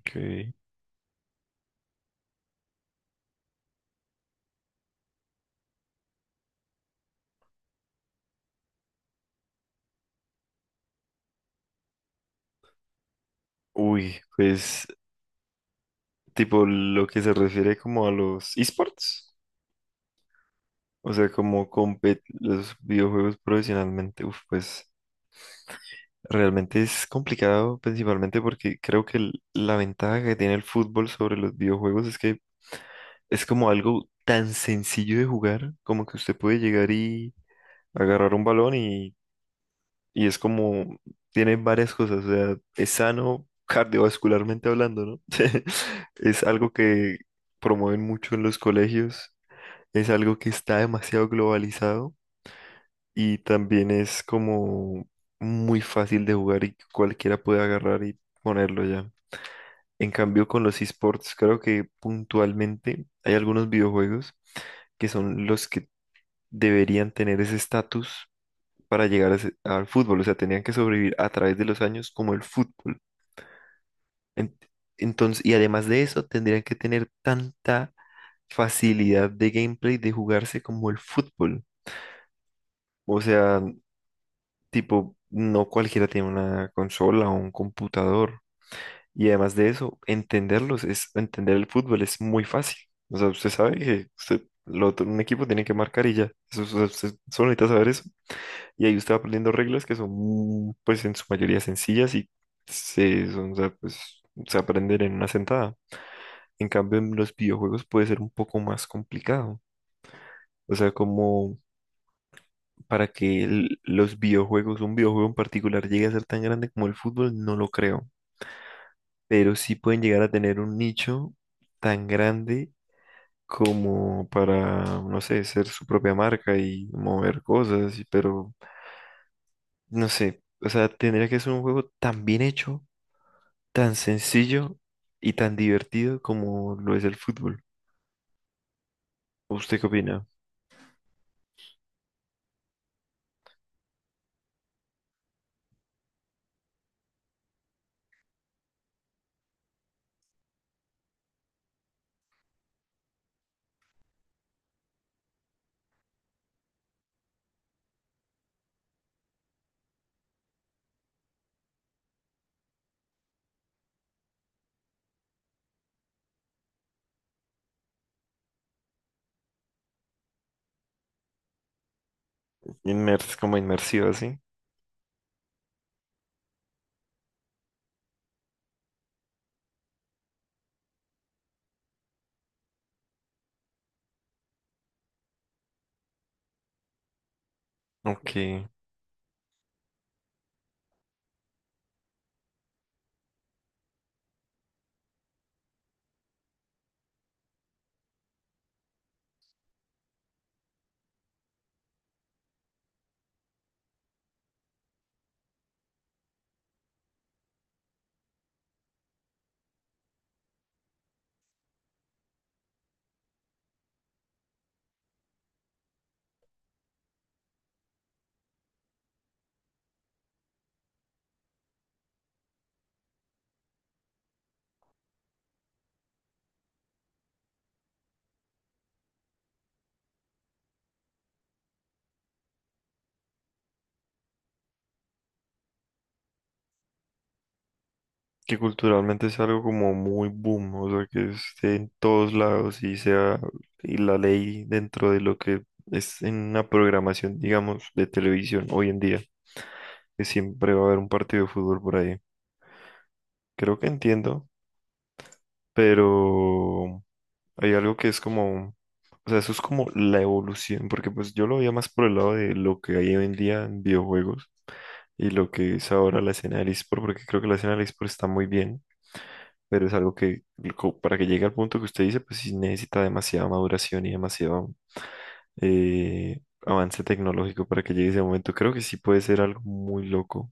Ok. Uy, pues tipo lo que se refiere como a los esports, o sea, como compet los videojuegos profesionalmente, uf, pues realmente es complicado, principalmente porque creo que la ventaja que tiene el fútbol sobre los videojuegos es que es como algo tan sencillo de jugar, como que usted puede llegar y agarrar un balón y y es como, tiene varias cosas, o sea, es sano cardiovascularmente hablando, ¿no? Es algo que promueven mucho en los colegios, es algo que está demasiado globalizado y también es como muy fácil de jugar, y cualquiera puede agarrar y ponerlo ya. En cambio, con los esports, creo que puntualmente hay algunos videojuegos que son los que deberían tener ese estatus para llegar a al fútbol, o sea, tenían que sobrevivir a través de los años como el fútbol. En- Entonces, y además de eso, tendrían que tener tanta facilidad de gameplay de jugarse como el fútbol. O sea, tipo, no cualquiera tiene una consola o un computador. Y además de eso, entenderlos es, entender el fútbol es muy fácil. O sea, usted sabe que usted, un equipo tiene que marcar y ya. Eso, usted solo necesita saber eso. Y ahí usted va aprendiendo reglas que son, pues, en su mayoría sencillas y se, son, o sea, pues, se aprenden en una sentada. En cambio, en los videojuegos puede ser un poco más complicado. O sea, como para que los videojuegos, un videojuego en particular, llegue a ser tan grande como el fútbol, no lo creo. Pero sí pueden llegar a tener un nicho tan grande como para, no sé, ser su propia marca y mover cosas, pero no sé. O sea, tendría que ser un juego tan bien hecho, tan sencillo y tan divertido como lo es el fútbol. ¿Usted qué opina? Inmers como inmersivo así, aunque que culturalmente es algo como muy boom, o sea, que esté en todos lados y sea y la ley dentro de lo que es en una programación, digamos, de televisión hoy en día, que siempre va a haber un partido de fútbol por ahí. Creo que entiendo, pero hay algo que es como, o sea, eso es como la evolución, porque pues yo lo veía más por el lado de lo que hay hoy en día en videojuegos y lo que es ahora la escena del eSport, porque creo que la escena del eSport está muy bien, pero es algo que para que llegue al punto que usted dice, pues sí necesita demasiada maduración y demasiado eh, avance tecnológico para que llegue ese momento. Creo que sí puede ser algo muy loco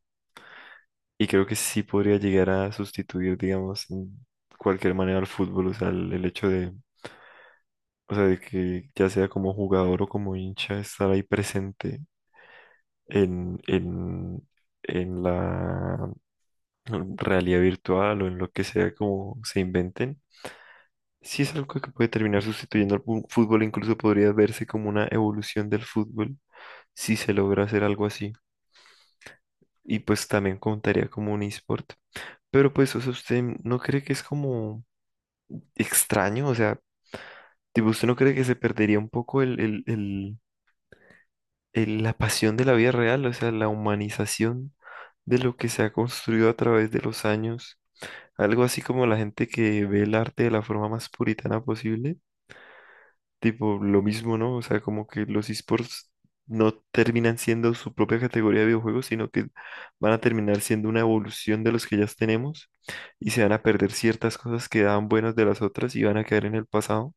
y creo que sí podría llegar a sustituir, digamos, en cualquier manera al fútbol, o sea, el hecho de o sea, de que ya sea como jugador o como hincha, estar ahí presente en, en, en la realidad virtual o en lo que sea como se inventen, sí es algo que puede terminar sustituyendo al fútbol, incluso podría verse como una evolución del fútbol si se logra hacer algo así. Y pues también contaría como un eSport. Pero pues, o sea, ¿usted no cree que es como extraño? O sea, tipo, ¿usted no cree que se perdería un poco el- la pasión de la vida real, o sea, la humanización de lo que se ha construido a través de los años? Algo así como la gente que ve el arte de la forma más puritana posible, tipo lo mismo, ¿no? O sea, como que los esports no terminan siendo su propia categoría de videojuegos, sino que van a terminar siendo una evolución de los que ya tenemos y se van a perder ciertas cosas que daban buenas de las otras y van a quedar en el pasado.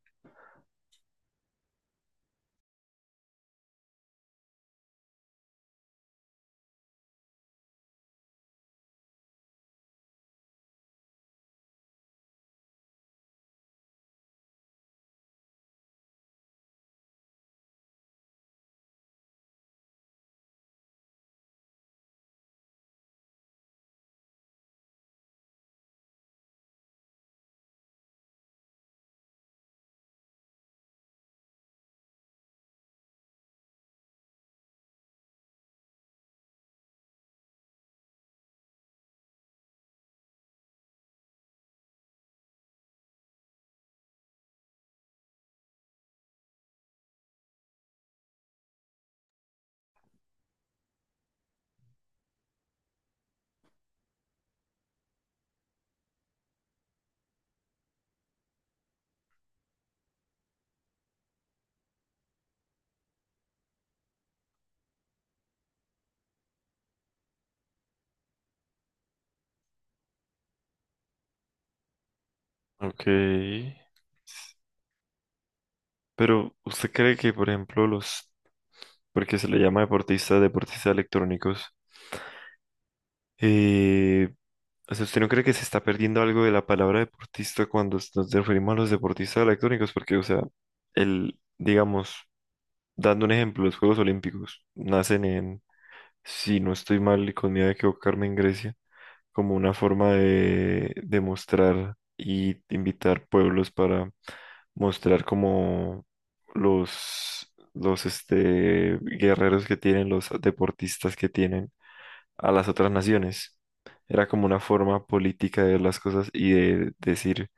Ok. Pero, ¿usted cree que, por ejemplo, los porque se le llama deportista, deportistas electrónicos? Eh, o sea, ¿usted no cree que se está perdiendo algo de la palabra deportista cuando nos referimos a los deportistas electrónicos? Porque, o sea, el, digamos, dando un ejemplo, los Juegos Olímpicos nacen en, si no estoy mal y con miedo de equivocarme, en Grecia, como una forma de demostrar y invitar pueblos para mostrar como los este, guerreros que tienen, los deportistas que tienen a las otras naciones. Era como una forma política de ver las cosas y de decir,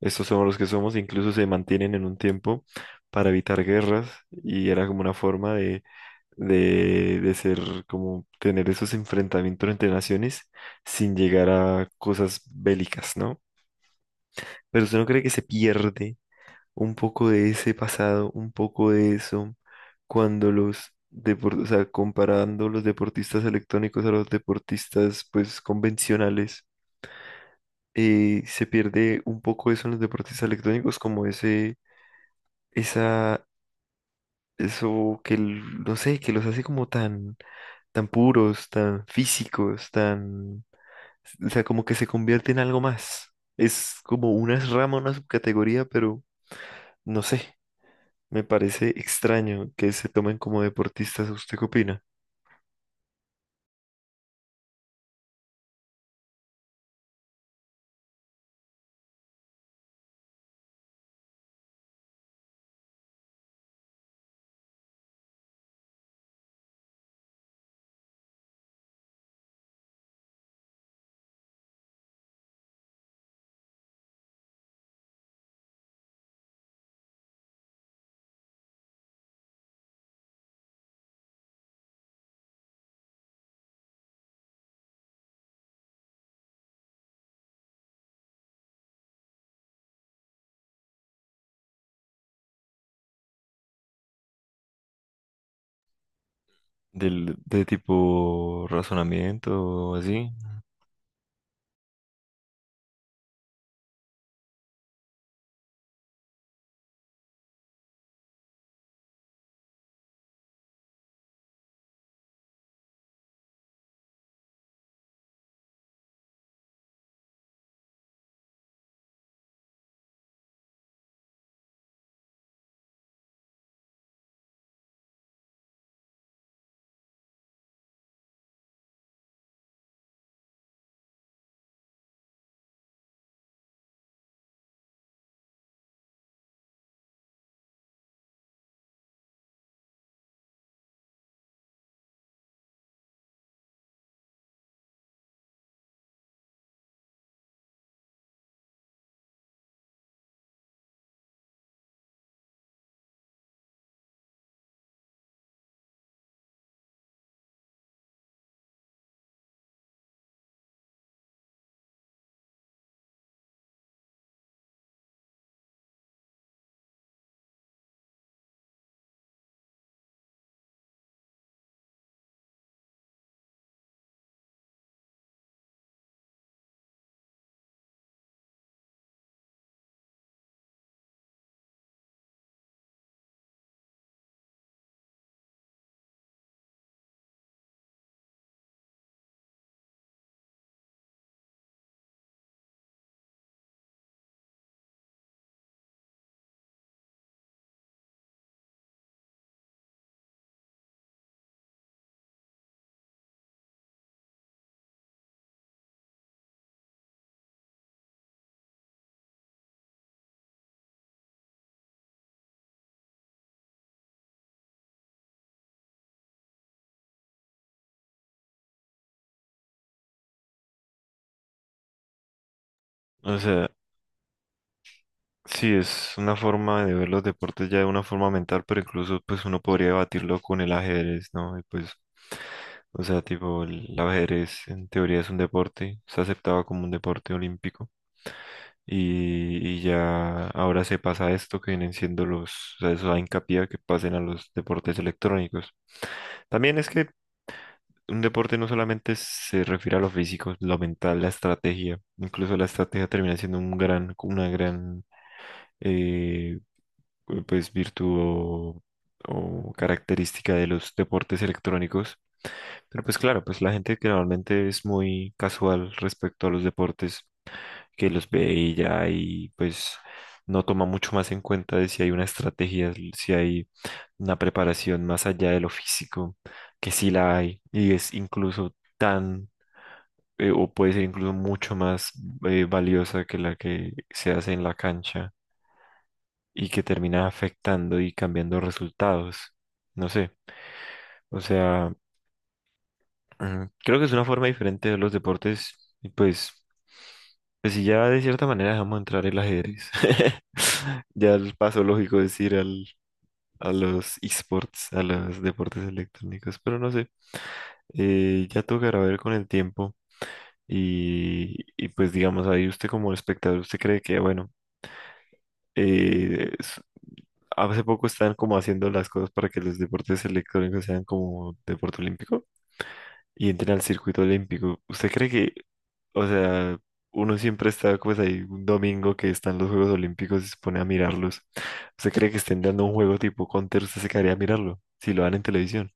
estos somos los que somos, incluso se mantienen en un tiempo para evitar guerras y era como una forma de ser, como tener esos enfrentamientos entre naciones sin llegar a cosas bélicas, ¿no? Pero usted no cree que se pierde un poco de ese pasado, un poco de eso, cuando los deportistas, o sea, comparando los deportistas electrónicos a los deportistas, pues, convencionales, se pierde un poco eso en los deportistas electrónicos, como ese, esa, eso que, no sé, que los hace como tan, tan puros, tan físicos, tan, o sea, como que se convierte en algo más. Es como una rama, una subcategoría, pero no sé. Me parece extraño que se tomen como deportistas. ¿Usted qué opina? Del, de tipo razonamiento o así. O sea, sí, es una forma de ver los deportes ya de una forma mental, pero incluso pues uno podría debatirlo con el ajedrez, ¿no? Y pues, o sea, tipo, el ajedrez en teoría es un deporte, se aceptaba como un deporte olímpico. Y ya ahora se pasa a esto que vienen siendo los, o sea, eso da hincapié a que pasen a los deportes electrónicos. También es que un deporte no solamente se refiere a lo físico, lo mental, la estrategia. Incluso la estrategia termina siendo un gran, una gran eh, pues virtud o característica de los deportes electrónicos. Pero pues claro, pues la gente que normalmente es muy casual respecto a los deportes, que los ve y ya y pues no toma mucho más en cuenta de si hay una estrategia, si hay una preparación más allá de lo físico, que sí la hay y es incluso tan o puede ser incluso mucho más valiosa que la que se hace en la cancha y que termina afectando y cambiando resultados. No sé, o sea, creo que es una forma diferente de los deportes y pues, pues si ya de cierta manera dejamos entrar el ajedrez, ya el paso lógico es ir al, a los esports, a los deportes electrónicos, pero no sé, ya tocará ver con el tiempo. Y pues digamos ahí usted como espectador, usted cree que bueno, Eh, s- hace poco están como haciendo las cosas para que los deportes electrónicos sean como deporte olímpico y entren al circuito olímpico. ¿Usted cree que, o sea, uno siempre está pues ahí un domingo que están los Juegos Olímpicos y se pone a mirarlos? ¿Usted cree que estén dando un juego tipo Counter? ¿Usted se quedaría a mirarlo si lo dan en televisión?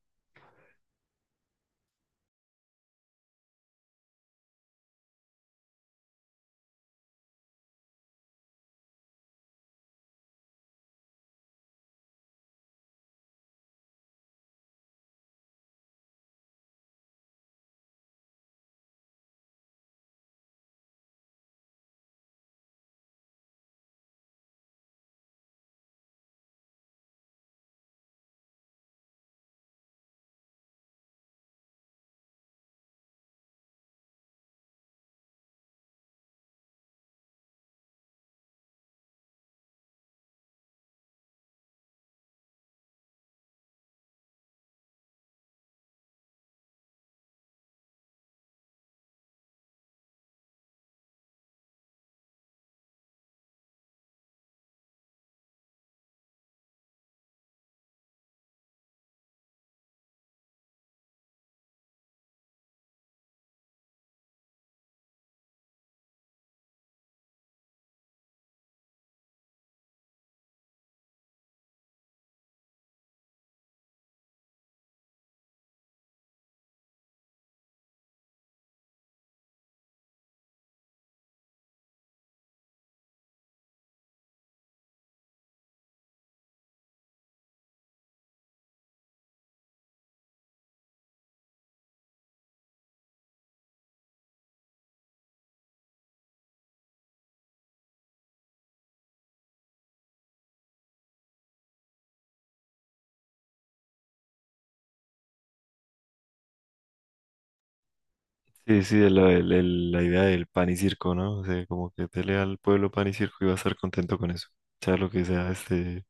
Sí, sí, de la, la idea del pan y circo, ¿no? O sea, como que dele al pueblo pan y circo y va a estar contento con eso. Sea lo que sea, este,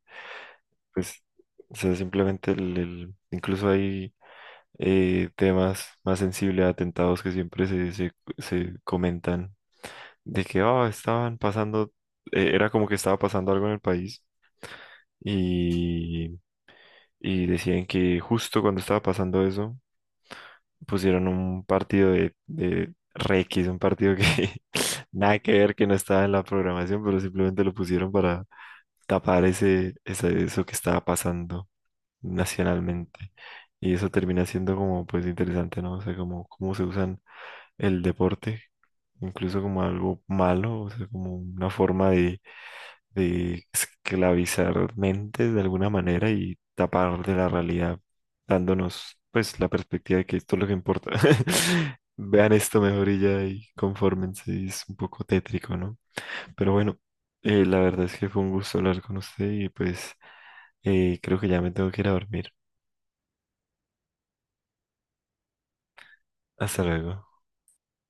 pues, o sea, simplemente incluso hay temas más sensibles, atentados que siempre se, se, se comentan de que, oh, estaban pasando, era como que estaba pasando algo en el país y, y decían que justo cuando estaba pasando eso, pusieron un partido de Requis, un partido que nada que ver, que no estaba en la programación, pero simplemente lo pusieron para tapar ese, eso que estaba pasando nacionalmente. Y eso termina siendo como pues interesante, ¿no? O sea, como cómo se usan el deporte, incluso como algo malo, o sea, como una forma de esclavizar mentes de alguna manera y tapar de la realidad, dándonos pues la perspectiva de que esto es lo que importa. Vean esto mejor y ya y confórmense, y es un poco tétrico, ¿no? Pero bueno, la verdad es que fue un gusto hablar con usted y pues creo que ya me tengo que ir a dormir. Hasta luego.